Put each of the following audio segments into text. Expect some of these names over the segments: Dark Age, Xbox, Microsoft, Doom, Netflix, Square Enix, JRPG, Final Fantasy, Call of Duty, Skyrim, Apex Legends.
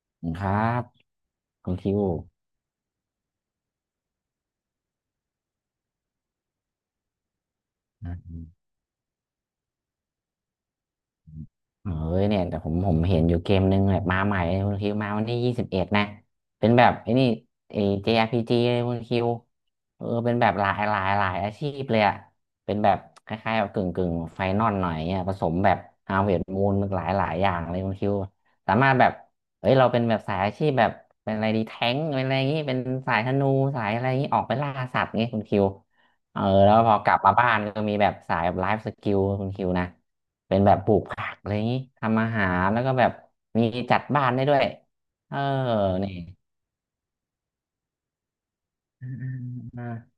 ขอบคุณครับคุณคิวอืม เออเนี่ยแต่ผมเห็นอยู่เกมนึงแบบมาใหม่เลยคุณคิวมาวันที่21นะเป็นแบบไอ้นี่ไอ้ JRPG เลยคุณคิวเออเป็นแบบหลายอาชีพเลยอะเป็นแบบคล้ายๆแบบกึ่งไฟนอลหน่อยเนี่ยผสมแบบฮาเวิร์ดมูนหลายอย่างเลยคุณคิวสามารถแบบเอ้ยเราเป็นแบบสายอาชีพแบบเป็นอะไรดีแท้งเป็นอะไรอย่างงี้เป็นสายธนูสายอะไรอย่างงี้ออกไปล่าสัตว์งี้คุณคิวเออแล้วพอกลับมาบ้านก็มีแบบสายแบบไลฟ์สกิลคุณคิวนะ เป็นแบบปลูกผักอะไรอย่างนี้ทำอาหารแล้วก็แบบมีจัดบ้านได้ด้วยเออนี่อ่าอ่า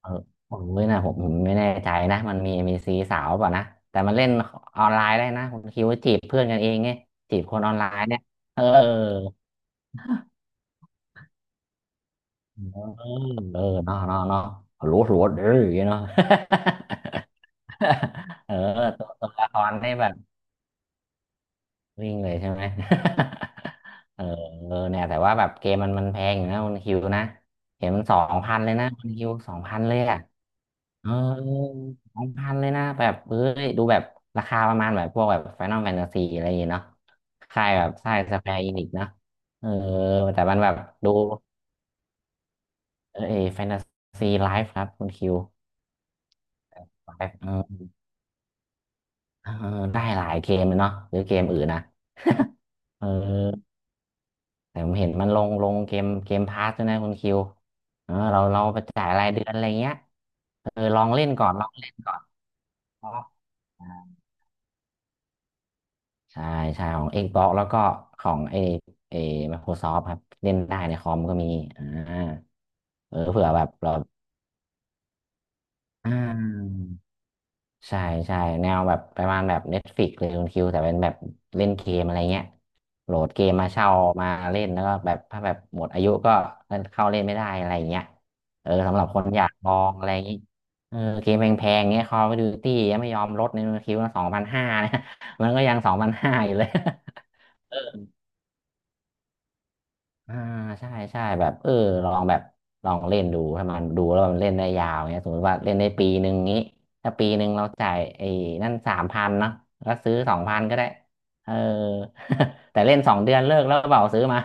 เออผมด้วยนะผมไม่แน่ใจนะมันมีซีสาวเปล่ะนะแต่มันเล่นออนไลน์ได้นะคุณคิดว่าจีบเพื่อนกันเองไงจีบคนออนไลน์เนี่ยเออเออเออเนาะเนาะเนาะหลวดหลวดเอออย่างเงี้ยเนาะ เออตัวละครได้แบบ วิ่งเลยใช่ไหม เออ เออเนี่ยแต่ว่าแบบเกมมันแพงอยู่นะคุณคิวนะเห็นมันสองพันเลยนะคุณคิวสองพันเลยอ่ะเออสองพันเลยนะแบบเอ้ยดูแบบราคาประมาณแบบพวกแบบ Final Fantasy อะไรอย่างเงี้ยเนาะค่ายแบบค่ายสแควร์อินิกเนาะเออแต่มันแบบดูเออแฟนตาซีไลฟ์ครับคุณคิวไลฟ์เออเออได้หลายเกมเลยเนาะหรือเกมอื่นนะเออ แต่ผมเห็นมันลงเกมพาสด้วยนะคุณคิวเออเราไปจ่ายรายเดือนอะไรเงี้ยเออลองเล่นก่อนลองเล่นก่อนเพราะอใช่ใช่ของ Xbox แล้วก็ของไอไอ Microsoft ครับเล่นได้ในคอมก็มีอ่าเออเผื่อแบบเราอ่า ใช่ใช่แนวแบบประมาณแบบ Netflix เลยคุณคิวแต่เป็นแบบเล่นเกมอะไรเงี้ยโหลดเกมมาเช่ามาเล่นแล้วก็แบบถ้าแบบหมดอายุก็เล่นเข้าเล่นไม่ได้อะไรเงี้ยเออสำหรับคนอยากลองอะไรอย่างงี้เออเกมแพงๆเงี้ย Call of Duty ยังไม่ยอมลดในคุณคิวสองพันห้านะ มันก็ยัง2,500อยู่เลย เออ อ่าใช่ใช่แบบเออลองแบบลองเล่นดูถ้ามันดูแล้วมันเล่นได้ยาวเนี่ยสมมติว่าเล่นได้ปีหนึ่งงี้ถ้าปีหนึ่งเราจ่ายไอ้นั่น3,000เนาะแล้วซื้อสองพันก็ได้เออ แต่เล่น2 เดือนเลิกแล้วเปล่าซื้อมา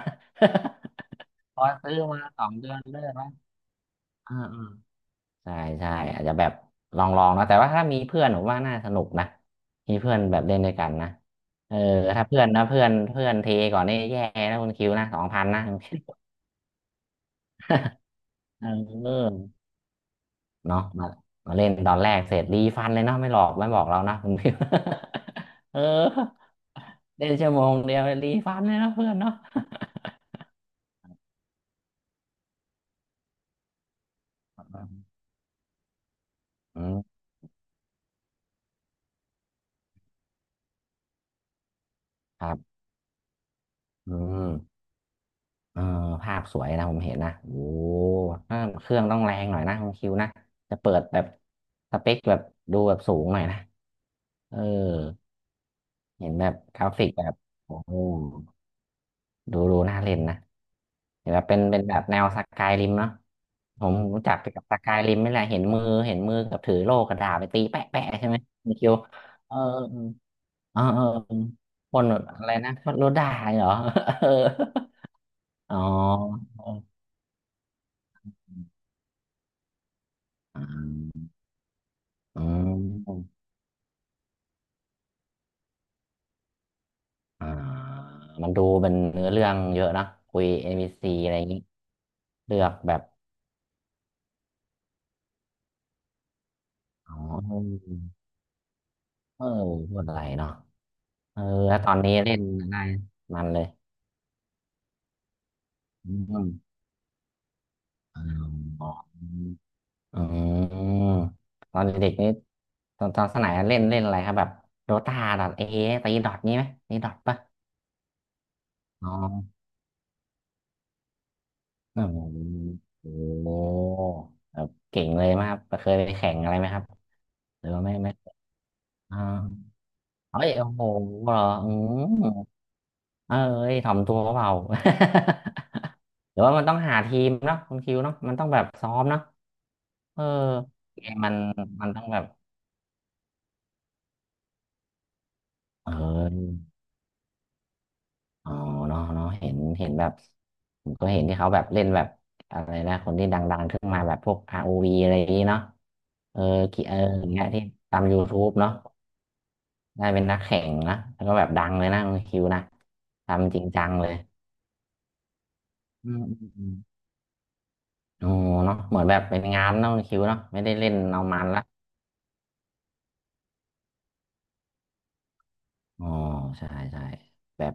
พอซื้อมา2 เดือนเลิกแล้วอ่าอ่าใช่ใช่อาจจะแบบลองลองนะแต่ว่าถ้ามีเพื่อนผมว่าน่าสนุกนะมีเพื่อนแบบเล่นด้วยกันนะเออถ้าเพื่อนนะเพื่อนเพื่อนเทก่อนนี่แย่นะคุณคิวนะสองพันนะ คุณคิว เออเนาะมามาเล่นตอนแรกเสร็จรีฟันเลยเนาะไม่หลอกไม่บอกเรานะคุณพิม เออเล่นชั่วโมงเดียวรีฟันเลยเนาะเพื่อนเนาะ อืมครับอืมเออภาพสวยนะผมเห็นนะโอ้ถ้าเครื่องต้องแรงหน่อยนะคุณคิวนะจะเปิดแบบสเปคแบบดูแบบสูงหน่อยนะเออเห็นแบบกราฟิกแบบโอ้โห ดูดูน่าเล่นนะเห็นแบบเป็นแบบแนวสกายริมเนาะผมรู้จักไปกับสกายริมนี่แหละเห็นมือกับถือโล่กระดาษไปตีแปะแปะใช่ไหมมีคิวเออเออเออเออคนแบบอะไรนะคนรถด่าเหรอ เอออ๋อ อ๋ออืมอ่ามันดูเป็นเนื้อเรื่องเยอะนะคุยเอ็นพีซีอะไรอย่างนี้เลือกแบบอ๋อเออพูดอะไรเนาะ เออแล้วตอนนี้เล่นอะไรมันเลย อืมอ๋ออืมตอนเด็กๆนี่ตอนตอนสมัยเล่นเล่นอะไรครับแบบโดตาดอทเอตีดอทนี้ไหมตีดอทปะอ๋อโอโหโอ้โหแบบเก่งเลยไหมครับเคยไปแข่งอะไรไหมครับหรือว่าไม่อ่าเฮ้ยโอ้โหเหรออืม เอ้ยถ่อมตัวเปล่า หรือว่ามันต้องหาทีมเนาะคุณคิวเนาะมันต้องแบบซ้อมเนาะเออเกมมันมันต้องแบบเอออ๋อเนาะเนาะเห็นแบบผมก็เห็นที่เขาแบบเล่นแบบอะไรนะคนที่ดังๆขึ้นมาแบบพวก r วีอะไรอย่างนี้เนาะเออกี่เอออย่างเงี้ยที่ตาม YouTube เนาะได้เป็นนักแข่งนะแล้วก็แบบดังเลยนะคุณคิวนะทำจริงจังเลยอืม อ๋อเนาะเหมือนแบบเป็นงานเนาะคิวเนาะไม่ได้เล่นเอามันละอ๋อใช่ใช่แบบ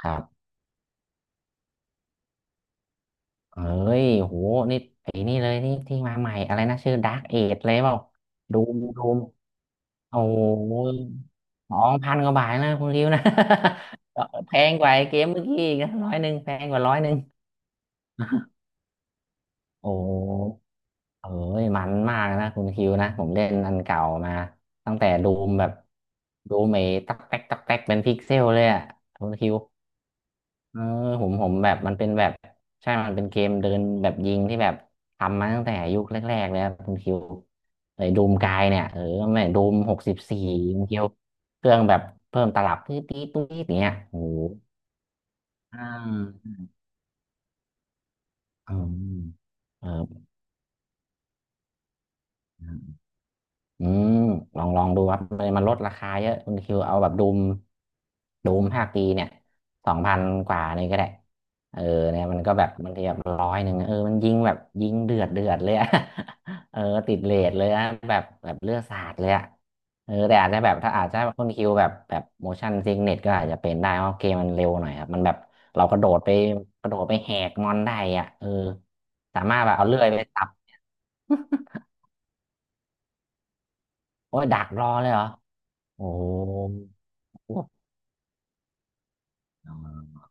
ครับเอ้ยโหนี่ไอ้นี่เลยนี่ที่มาใหม่อะไรนะชื่อดาร์กเอจเลยเปล่าดูมดูมโอ้โหสองพันกว่าบาทนะคุณคิวนะ แพงกว่าไอ้เกมเมื่อกี้อีกนะร้อยหนึ่งแพงกว่าร้อยหนึ่งโอ้ เอ้ยมันมากนะคุณคิวนะผมเล่นอันเก่ามาตั้งแต่ดูมแบบดูเมตักแตกตักแตกเป็นพิกเซลเลยอ่ะคุณคิวเออผมแบบมันเป็นแบบใช่มันเป็นเกมเดินแบบยิงที่แบบทำมาตั้งแต่ยุคแรกๆเลยครับคุณคิวเลยดูมกายเนี่ยเออไม่ดูม64คุณคิวเครื่องแบบเพิ่มตลับตื้อตีตุ้ยอย่างเงี้ยโอ้โหอ่าอืมเออ อืมลองลองดูครับมันลดราคาเยอะคุณคิวเอาแบบดูมดูมภาคปีเนี่ยสองพันกว่านี่ก็ได้เออเนี่ยมันก็แบบบางทีแบบร้อยหนึ่งเออมันยิงแบบยิงเดือดเดือดเลยอะ เออติดเรทเลยอะแบบแบบเลือดสาดเลยอะเออแต่อาจจะแบบถ้าอาจจะคุณคิวแบบแบบ motion sickness ก็อาจจะเป็นได้เพราะเกมมันเร็วหน่อยครับมันแบบเรากระโดดไปกระโดดไปแหกมอนได้อ่ะเออสามารถแบบเอาเลื่อยไปตับโอ้ยดักรอเลยเหรอโอ้โห อ๋อ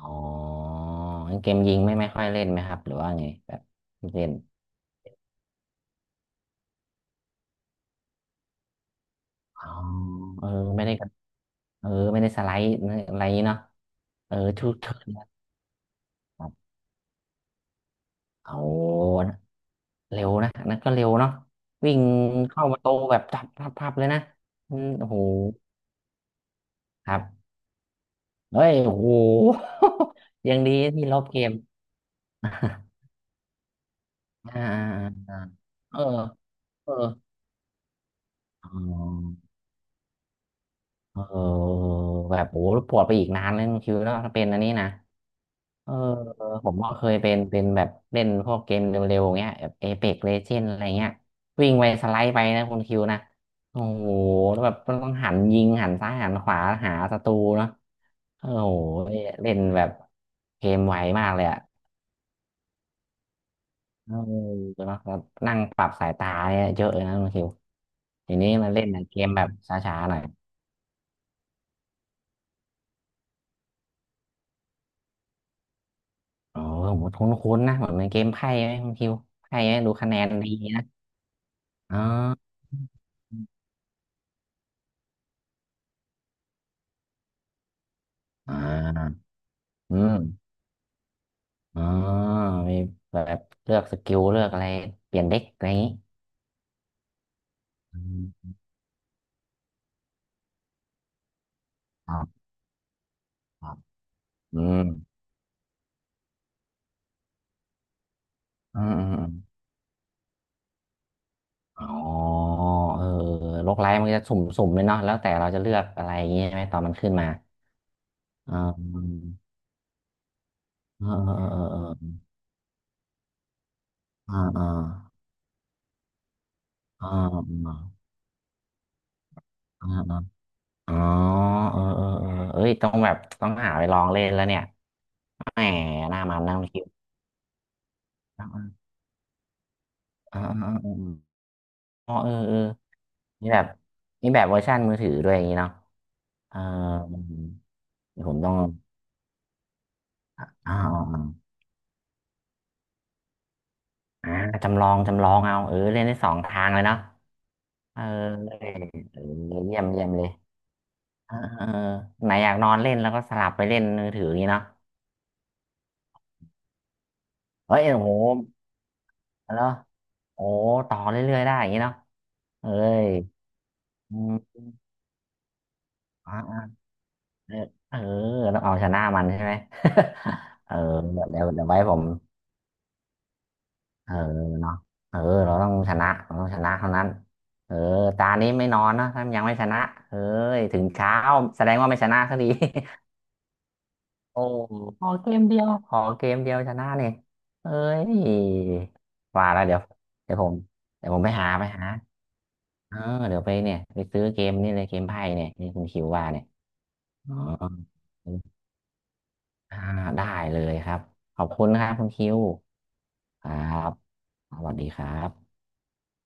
อ๋องั้นเกมยิงไม่ค่อยเล่นไหมครับหรือว่าไงแบบเล่นอ๋อเออไม่ได้กระเออไม่ได้สไลด์อะไรเนาะเออทูเทิร์นนะครับเอานะเร็วนะอันนั่นก็เร็วเนาะวิ่งเข้าประตูแบบจับพับพับเลยนะอืมโอ้โหครับเฮ้ยโอ้โห ยังดีที่ลบเกม อ่าอ่าอ่าเออเอออ๋อ เออแบบโอ้ปวดไปอีกนานเลยคุณคิวเนาะถ้าเป็นอันนี้นะเออผมก็เคยเป็นแบบเล่นพวกเกมเร็วๆเงี้ยแบบเอเพ็กเลเจนอะไรเงี้ยวิ่งไปสไลด์ไปนะคุณคิวนะโอ้โหแล้วแบบมันต้องหันยิงหันซ้ายหันขวาหาศัตรูเนาะโอ้โหเล่นแบบเกมไวมากเลยอะเออเนาะแล้วนั่งปรับสายตาเนี่ยเยอะเลยนะคุณคิวทีนี้มาเล่นเกมแบบช้าๆหน่อย อ๋อโหมดคุ้นๆนะเหมือนในเกมไพ่ไหมคุณคิวไพ่ไหมดูคะแนนดีนะอ๋ออ่าอืมอ๋อมีแบบเลือกสกิลเลือกอะไรเปลี่ยนเด็กอะไรอย่างนี้อืมครับครับอืมอืมอืมอมอ๋อเออโลกไลท์มันจะสุ่มสุ่มเลยเนาะแล้วแต่เราจะเลือกอะไรอย่างนี้ใช่ไหมตอนมันขึ้นมาอ่าเออเออเออเออเออ่าอ่าอ่าอ่า อ๋อเออเออเออ เอ้ยต้องแบบต้องหาไปลองเล่นแล้วเนี่ยแหมหน้ามันนะคคิดเอมอเออเออเอออ๋อเออเออนี่แบบนี่แบบเวอร์ชันมือถือด้วยอย่างนี้เนาะเออเดี๋ยวผมต้องอ๋ออ๋ออ๋ออ่าจำลองจำลองเอาเออเล่นได้สองทางเลยเนาะเออเออเยี่ยมเยี่ยมเลยเออเออไหนอยากนอนเล่นแล้วก็สลับไปเล่นมือถืออย่างนี้เนาะเฮ้ยโอ้โหแล้วโอ้โหต่อเรื่อยๆได้อย่างนี้เนาะเอ้ยอืม เออเออต้องเอาชนะมันใช่ไหม เออเดี๋ยวเดี๋ยวไว้ผมเออเนาะเออเราต้องชนะเราต้องชนะเท่านั้นเออตานี้ไม่นอนนะถ้ายังไม่ชนะเอ้ยถึงเช้าแสดงว่าไม่ชนะสักที โอ้ขอเกมเดียวขอเกมเดียวชนะเนี่ยเอ้ยว่าแล้วเดี๋ยวเดี๋ยวผมเดี๋ยวผมไปหาเออเดี๋ยวไปเนี่ยไปซื้อเกมนี่เลยเกมไพ่เนี่ยที่คุณคิวว่าเนี่ยอ๋อ อ่าได้เลยครับขอบคุณนะครับคุณคิวครับสวัสดีครับ